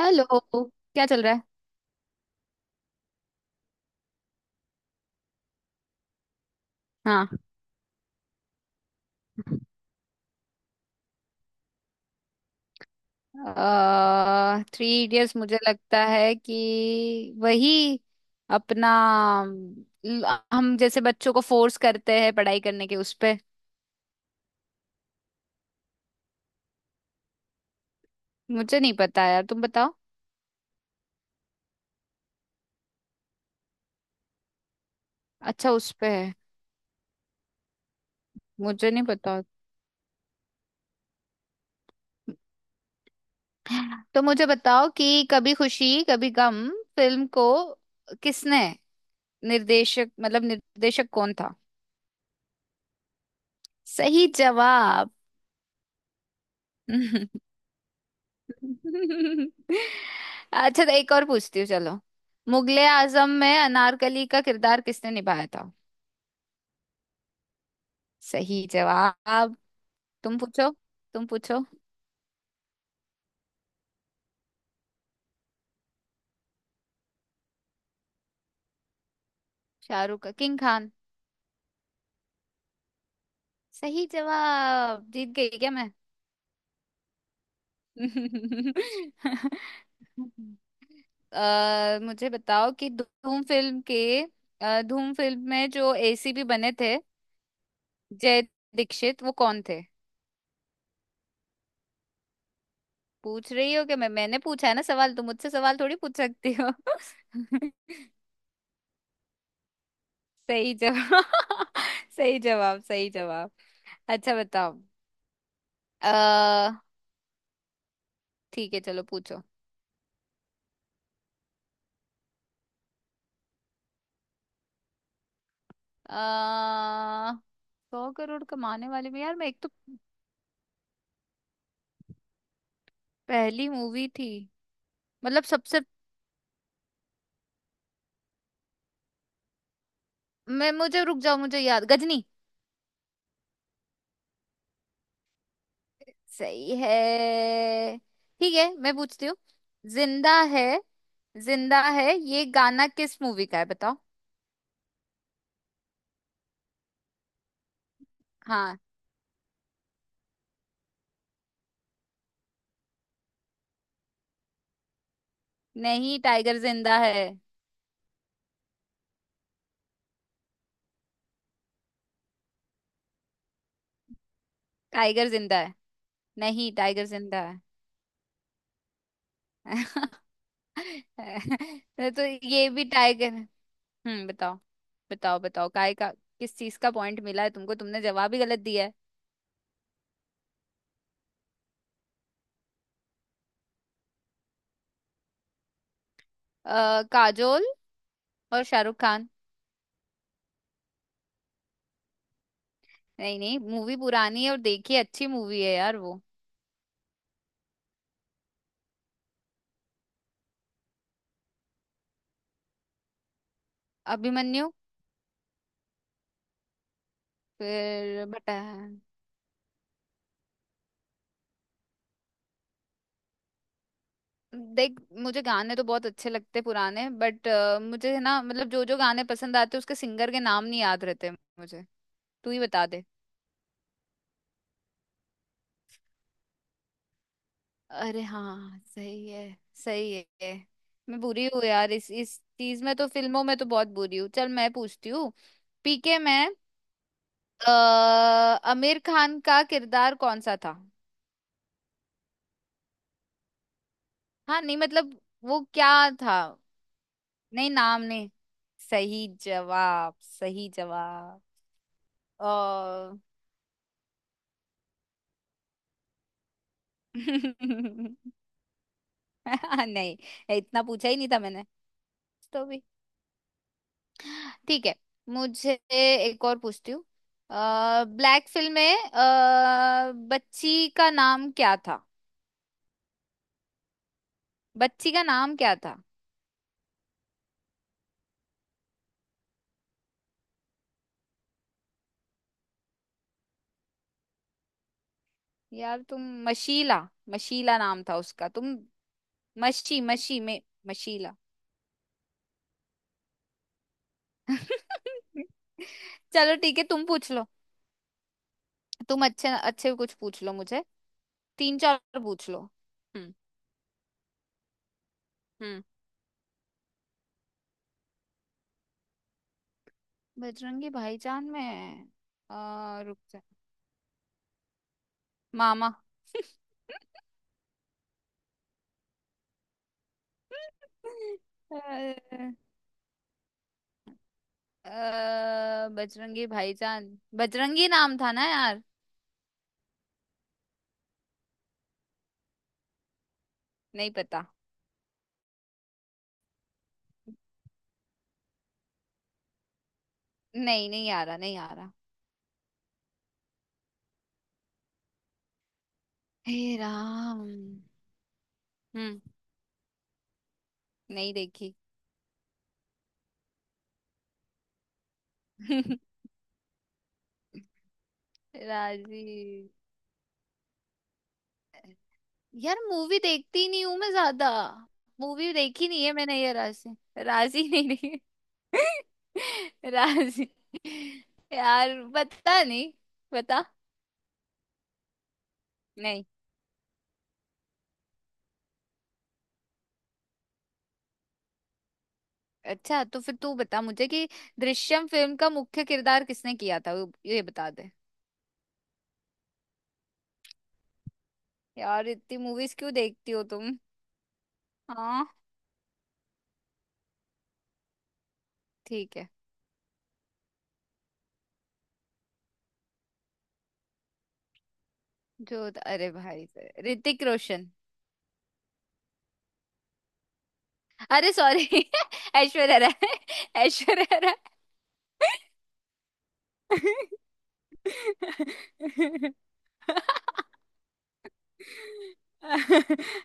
Hello. क्या चल रहा है। हाँ। थ्री इडियट्स मुझे लगता है कि वही अपना हम जैसे बच्चों को फोर्स करते हैं पढ़ाई करने के उस पे। मुझे नहीं पता यार, तुम बताओ। अच्छा, उस पे है। मुझे नहीं पता। तो मुझे बताओ कि कभी खुशी कभी गम फिल्म को किसने निर्देशक, मतलब, निर्देशक कौन था। सही जवाब। अच्छा, तो एक और पूछती हूँ, चलो। मुगले आजम में अनारकली का किरदार किसने निभाया था। सही जवाब। तुम पूछो। तुम पूछो। शाहरुख का किंग खान। सही जवाब। जीत गई क्या मैं? मुझे बताओ कि धूम फिल्म में जो एसीपी बने थे, जय दीक्षित वो कौन थे। पूछ रही हो कि मैंने पूछा है ना सवाल, तुम मुझसे सवाल थोड़ी पूछ सकती हो। सही जवाब। सही जवाब। सही जवाब। अच्छा, बताओ। अ ठीक है, चलो, पूछो। अ 100 करोड़ कमाने वाले में यार, मैं एक तो। पहली मूवी थी। मतलब, सबसे। मैं मुझे रुक जाओ, मुझे याद, गजनी। सही है। ठीक है, मैं पूछती हूँ। जिंदा है। जिंदा है ये गाना किस मूवी का है, बताओ। हाँ। नहीं, टाइगर जिंदा है। टाइगर जिंदा है। नहीं, टाइगर जिंदा है। तो ये भी ट्राई कर। हम्म, बताओ। बताओ, बताओ, काय का। किस चीज का पॉइंट मिला है तुमको? तुमने जवाब ही गलत दिया है। काजोल। और शाहरुख खान। नहीं, नहीं, मूवी पुरानी है और देखी, अच्छी मूवी है यार वो। अभिमन्यु। फिर बता। देख, मुझे गाने तो बहुत अच्छे लगते पुराने, बट। मुझे है ना, मतलब, जो जो गाने पसंद आते उसके सिंगर के नाम नहीं याद रहते मुझे। तू ही बता दे। अरे हाँ, सही है। सही है। मैं बुरी हूँ यार, इस चीज में तो, फिल्मों में तो बहुत बुरी हूँ। चल, मैं पूछती हूँ। पीके में आमिर खान का किरदार कौन सा था। हाँ, नहीं मतलब, वो क्या था। नहीं, नाम नहीं। सही जवाब। सही जवाब। ओ। नहीं, इतना पूछा ही नहीं था मैंने। तो भी ठीक है। मुझे एक और पूछती हूँ। ब्लैक फिल्म में बच्ची का नाम क्या था। बच्ची का नाम क्या था। यार तुम। मशीला। मशीला नाम था उसका, तुम। मशी मशी में मशीला। चलो ठीक है, तुम पूछ लो। तुम अच्छे अच्छे कुछ पूछ लो मुझे। तीन चार पूछ लो। हम्म। हम्म। बजरंगी भाईजान में। रुक जा। मामा। अ, बजरंगी भाईजान। बजरंगी नाम था ना यार। नहीं पता। नहीं, नहीं आ रहा, नहीं आ रहा। हे राम। हम्म। नहीं देखी। राजी। यार मूवी देखती नहीं हूँ मैं ज्यादा। मूवी देखी नहीं है मैंने, ये राशि। राजी नहीं देखी। राजी। यार पता नहीं। बता। नहीं। अच्छा, तो फिर तू बता मुझे कि दृश्यम फिल्म का मुख्य किरदार किसने किया था, ये बता दे। यार इतनी मूवीज क्यों देखती हो तुम। हाँ, ठीक है। जो अरे भाई साहब, ऋतिक रोशन। अरे सॉरी, ऐश्वर्या राय। ऐश्वर्या राय।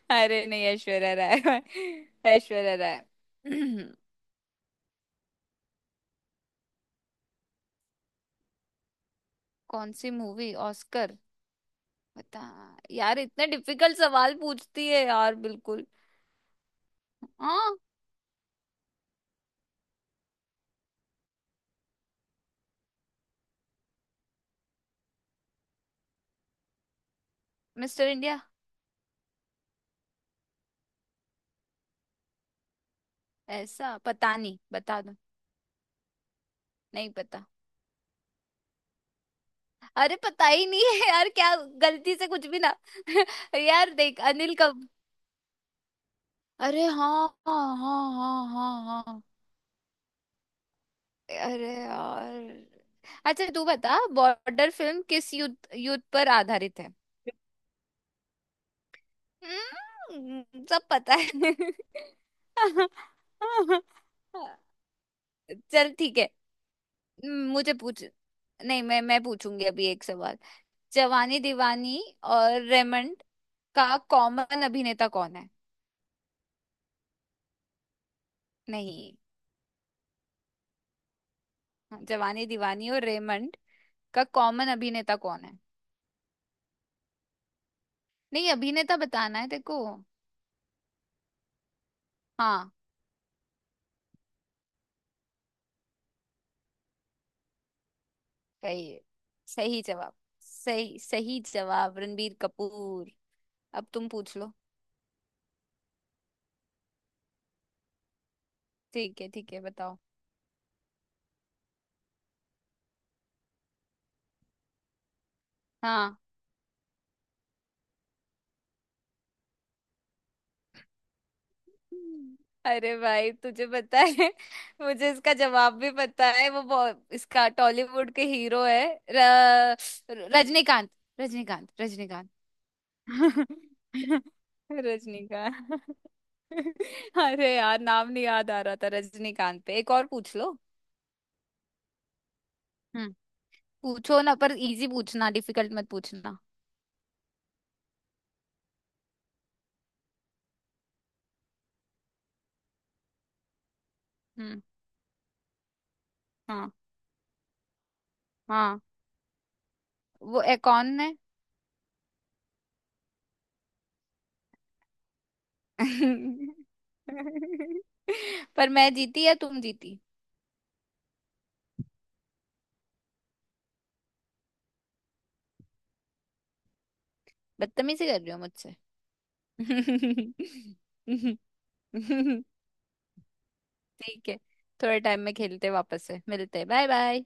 अरे नहीं, ऐश्वर्या राय। ऐश्वर्या राय। कौन सी मूवी, ऑस्कर? बता। यार इतने डिफिकल्ट सवाल पूछती है यार, बिल्कुल। हाँ। Mister India. ऐसा पता नहीं, बता। नहीं पता। अरे, पता ही नहीं है यार क्या। गलती से कुछ भी ना। यार देख, अनिल कब। अरे हाँ, हाँ, हाँ, हाँ। हाँ, हाँ। अरे यार। अच्छा, तू बता बॉर्डर फिल्म किस युद्ध युद्ध पर आधारित है। सब पता है। चल, ठीक है। मुझे पूछ। नहीं, मैं पूछूंगी अभी एक सवाल। जवानी दीवानी और रेमंड का कॉमन अभिनेता कौन है। नहीं। जवानी दीवानी और रेमंड का कॉमन अभिनेता कौन है। नहीं, अभिनेता बताना है तेरे को। हाँ। सही है। सही जवाब। सही, सही जवाब। रणबीर कपूर। अब तुम पूछ लो। ठीक है, ठीक है, बताओ। हाँ। अरे भाई तुझे पता है, मुझे इसका जवाब भी पता है, इसका टॉलीवुड के हीरो है। र, रजनीकांत। रजनीकांत। रजनीकांत। रजनीकांत। अरे यार, नाम नहीं याद आ रहा था। रजनीकांत पे एक और पूछ लो। हम्म। पूछो ना, पर इजी पूछना, डिफिकल्ट मत पूछना। हम्म। हाँ, हाँ। वो कौन है? पर मैं जीती या तुम जीती? बदतमीजी कर रही हो मुझसे। ठीक है, थोड़े टाइम में खेलते हैं वापस से। मिलते हैं। Bye bye.